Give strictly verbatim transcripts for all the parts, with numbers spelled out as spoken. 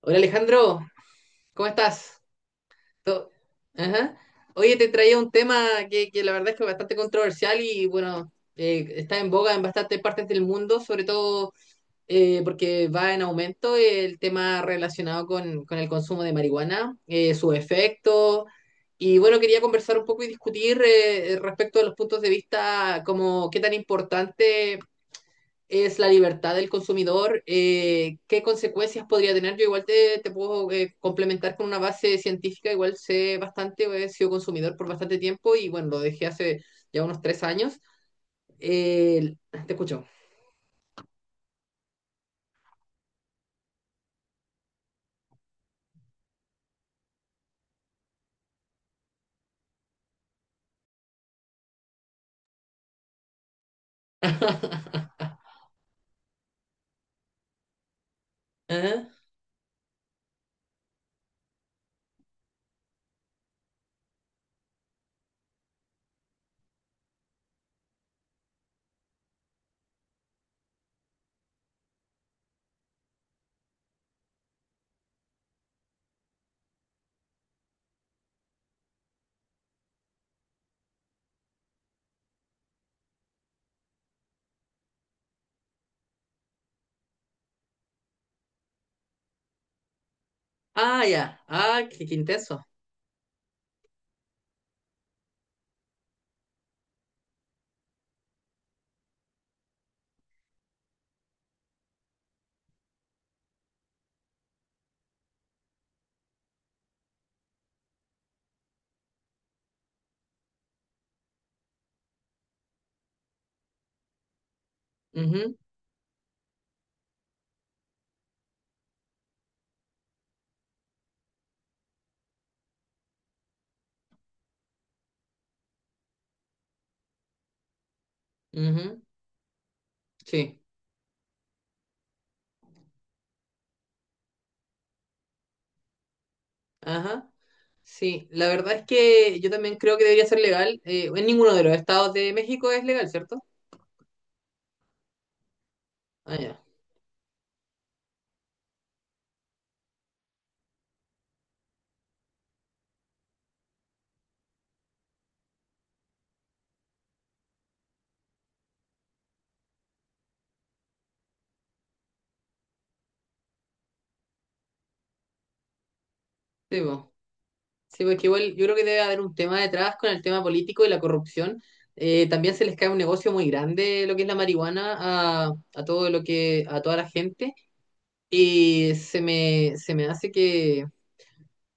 Hola Alejandro, ¿cómo estás? To- Ajá. Oye, te traía un tema que, que la verdad es que es bastante controversial y bueno, eh, está en boga en bastantes partes del mundo, sobre todo eh, porque va en aumento el tema relacionado con, con el consumo de marihuana, eh, su efecto. Y bueno, quería conversar un poco y discutir eh, respecto a los puntos de vista, como qué tan importante es la libertad del consumidor, eh, qué consecuencias podría tener. Yo igual te, te puedo eh, complementar con una base científica, igual sé bastante, he sido consumidor por bastante tiempo y bueno, lo dejé hace ya unos tres años. Eh, te escucho. ¿Eh? Ah, ya. Ah, qué, qué intenso. Ujú, ujú. Sí. Ajá. Sí, la verdad es que yo también creo que debería ser legal. Eh, en ninguno de los estados de México es legal, ¿cierto? Ah, ya. Sí, pues. Sí, porque igual yo creo que debe haber un tema detrás con el tema político y la corrupción. Eh, también se les cae un negocio muy grande lo que es la marihuana a, a todo lo que, a toda la gente. Y se me, se me hace que,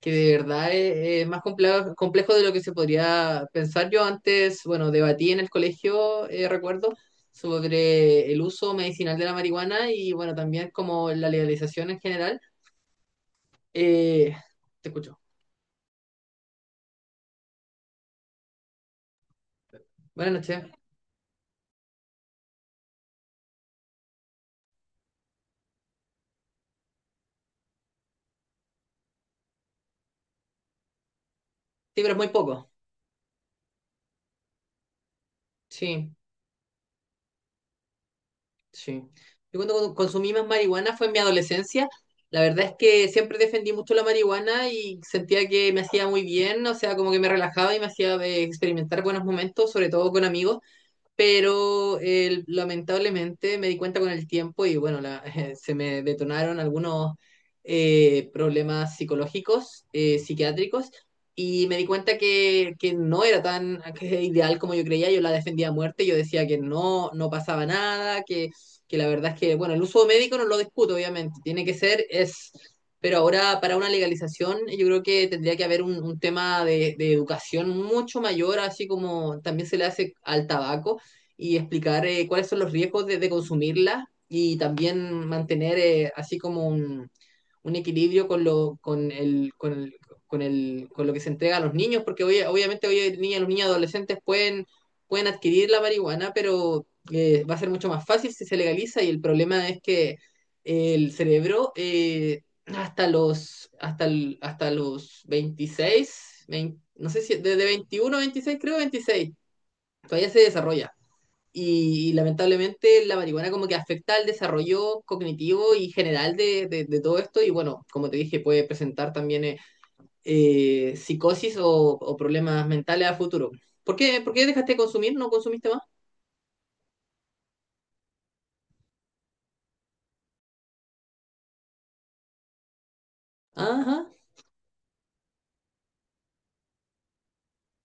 que de verdad es, es más complejo, complejo de lo que se podría pensar. Yo antes, bueno, debatí en el colegio, eh, recuerdo, sobre el uso medicinal de la marihuana y bueno, también como la legalización en general. Eh, te escucho. Buenas noches. Sí, pero es muy poco. Sí. Sí. Yo cuando consumí más marihuana fue en mi adolescencia. La verdad es que siempre defendí mucho la marihuana y sentía que me hacía muy bien, o sea, como que me relajaba y me hacía eh, experimentar buenos momentos, sobre todo con amigos pero eh, lamentablemente me di cuenta con el tiempo y bueno, la- se me detonaron algunos eh, problemas psicológicos, eh, psiquiátricos, y me di cuenta que, que, no era tan que ideal como yo creía, yo la defendía a muerte, yo decía que no, no pasaba nada, que, que la verdad es que, bueno, el uso médico no lo discuto, obviamente, tiene que ser, es... Pero ahora para una legalización yo creo que tendría que haber un, un tema de, de educación mucho mayor, así como también se le hace al tabaco y explicar eh, cuáles son los riesgos de, de consumirla y también mantener eh, así como un, un equilibrio con lo, con el, con el, con el, con lo que se entrega a los niños, porque hoy, obviamente hoy niñas, los niños adolescentes pueden, pueden adquirir la marihuana, pero eh, va a ser mucho más fácil si se legaliza y el problema es que el cerebro eh, hasta los hasta, el- hasta los veintiséis vein- no sé si desde veintiuno a veintiséis, creo veintiséis todavía se desarrolla. Y, lamentablemente la marihuana como que afecta al desarrollo cognitivo y general de, de- de todo esto y bueno, como te dije, puede presentar también eh, eh, psicosis o, o problemas mentales a futuro. ¿Por qué, por qué dejaste de consumir? ¿No consumiste más? Ajá.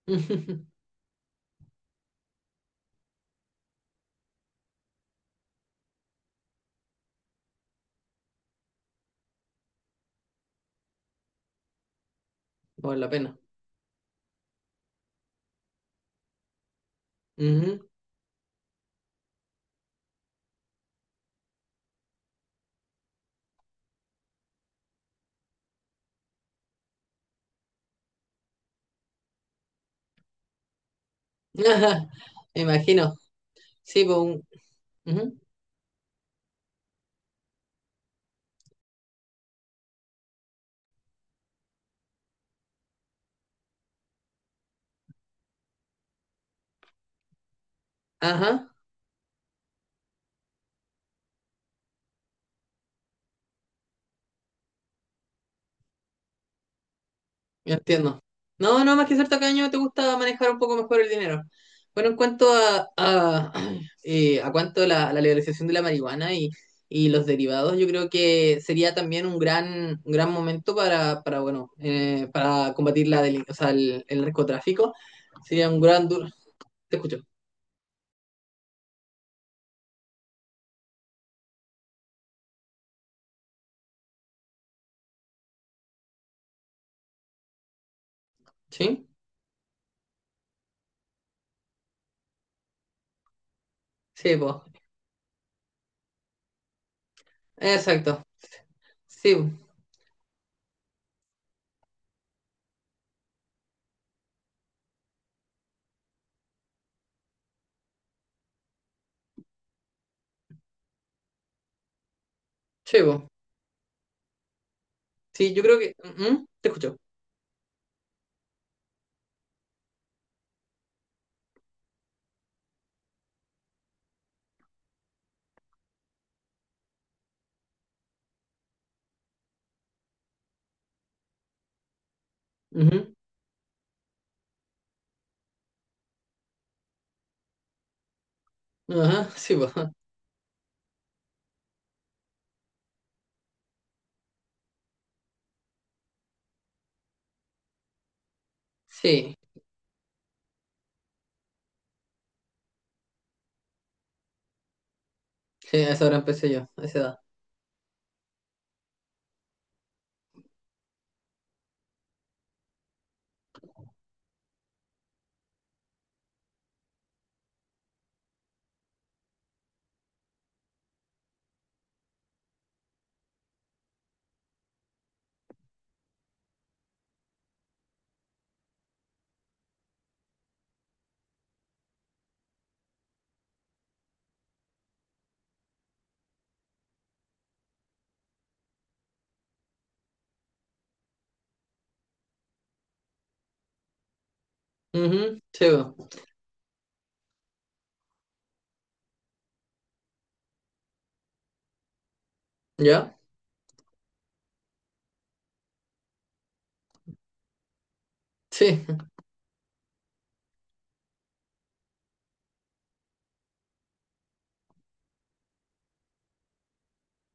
Por la pena. Ujú. Ajá. Me imagino. Sí, pues un- ujú. Ajá. Yo entiendo. No, no, más que cierto que año te gusta manejar un poco mejor el dinero. Bueno, en cuanto a, a, eh, a cuanto a la, la legalización de la marihuana y, y los derivados, yo creo que sería también un gran, un gran momento para, para bueno, eh, para combatir la delin- o sea, el, el narcotráfico. Sería un gran duro. Te escucho. ¿Sí? Sí, pues. Exacto. Sí, po. Sí, po. Sí, yo creo que. ¿Mm? Te escucho. Ujú. Ajá, sí, pues. Sí. Sí, a esa hora empecé yo, a esa edad. Ujú, sí, bo. ¿Ya? Sí,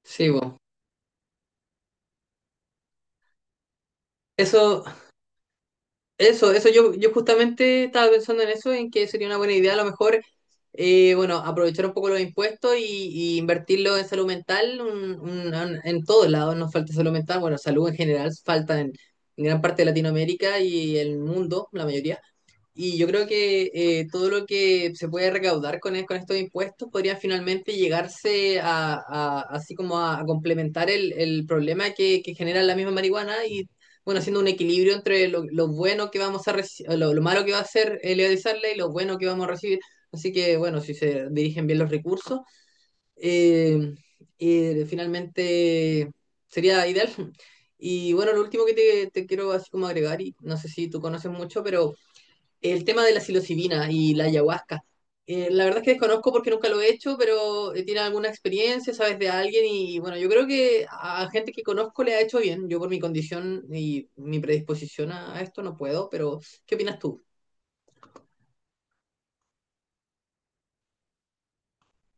sí, bo. Eso, eso, eso yo, yo justamente estaba pensando en eso, en que sería una buena idea a lo mejor, eh, bueno, aprovechar un poco los impuestos y, y invertirlo en salud mental, un- un- un- en todos lados nos falta salud mental, bueno, salud en general falta en, en gran parte de Latinoamérica y el mundo, la mayoría. Y yo creo que eh, todo lo que se puede recaudar con, e- con estos impuestos podría finalmente llegarse a, a- así como a, a complementar el, el problema que, que genera la misma marihuana y bueno, haciendo un equilibrio entre lo, lo bueno que vamos a reci- lo, lo malo que va a ser eh, legalizarla y lo bueno que vamos a recibir. Así que bueno, si se dirigen bien los recursos, eh, eh, finalmente sería ideal. Y bueno, lo último que te, te quiero así como agregar, y no sé si tú conoces mucho, pero el tema de la psilocibina y la ayahuasca. Eh, la verdad es que desconozco porque nunca lo he hecho, pero eh, tiene alguna experiencia, sabes de alguien y bueno, yo creo que a gente que conozco le ha hecho bien. Yo por mi condición y mi predisposición a, a esto no puedo, pero ¿qué opinas tú?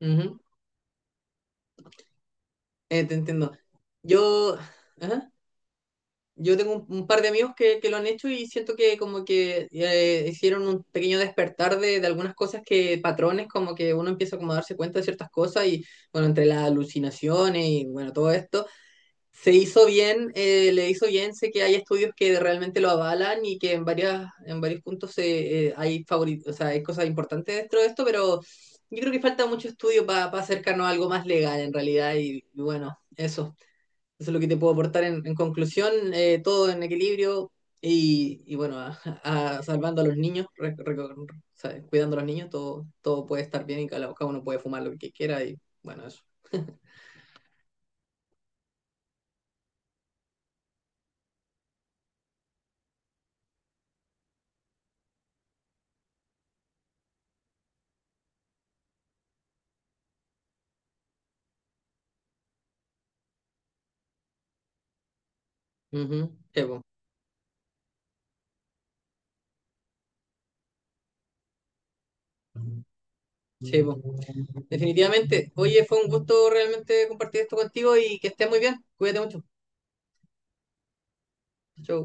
Ujú. Eh, te entiendo. Yo... ajá. Yo tengo un, un par de amigos que, que, lo han hecho y siento que como que eh, hicieron un pequeño despertar de, de algunas cosas que, patrones, como que uno empieza como a darse cuenta de ciertas cosas y bueno, entre las alucinaciones y bueno, todo esto, se hizo bien, eh, le hizo bien, sé que hay estudios que realmente lo avalan y que en varias, en varios puntos se, eh, hay favori- o sea, hay cosas importantes dentro de esto, pero yo creo que falta mucho estudio para acercarnos a algo más legal en realidad y y bueno, eso. Eso es lo que te puedo aportar en, en conclusión, eh, todo en equilibrio y, y bueno, a- a- salvando a los niños, re- reco- o sea, cuidando a los niños, todo, todo puede estar bien y cada, cada uno puede fumar lo que quiera y bueno, eso. Ujú, sí, po, sí, po. Definitivamente. Oye, fue un gusto realmente compartir esto contigo y que estés muy bien. Cuídate mucho. Chau.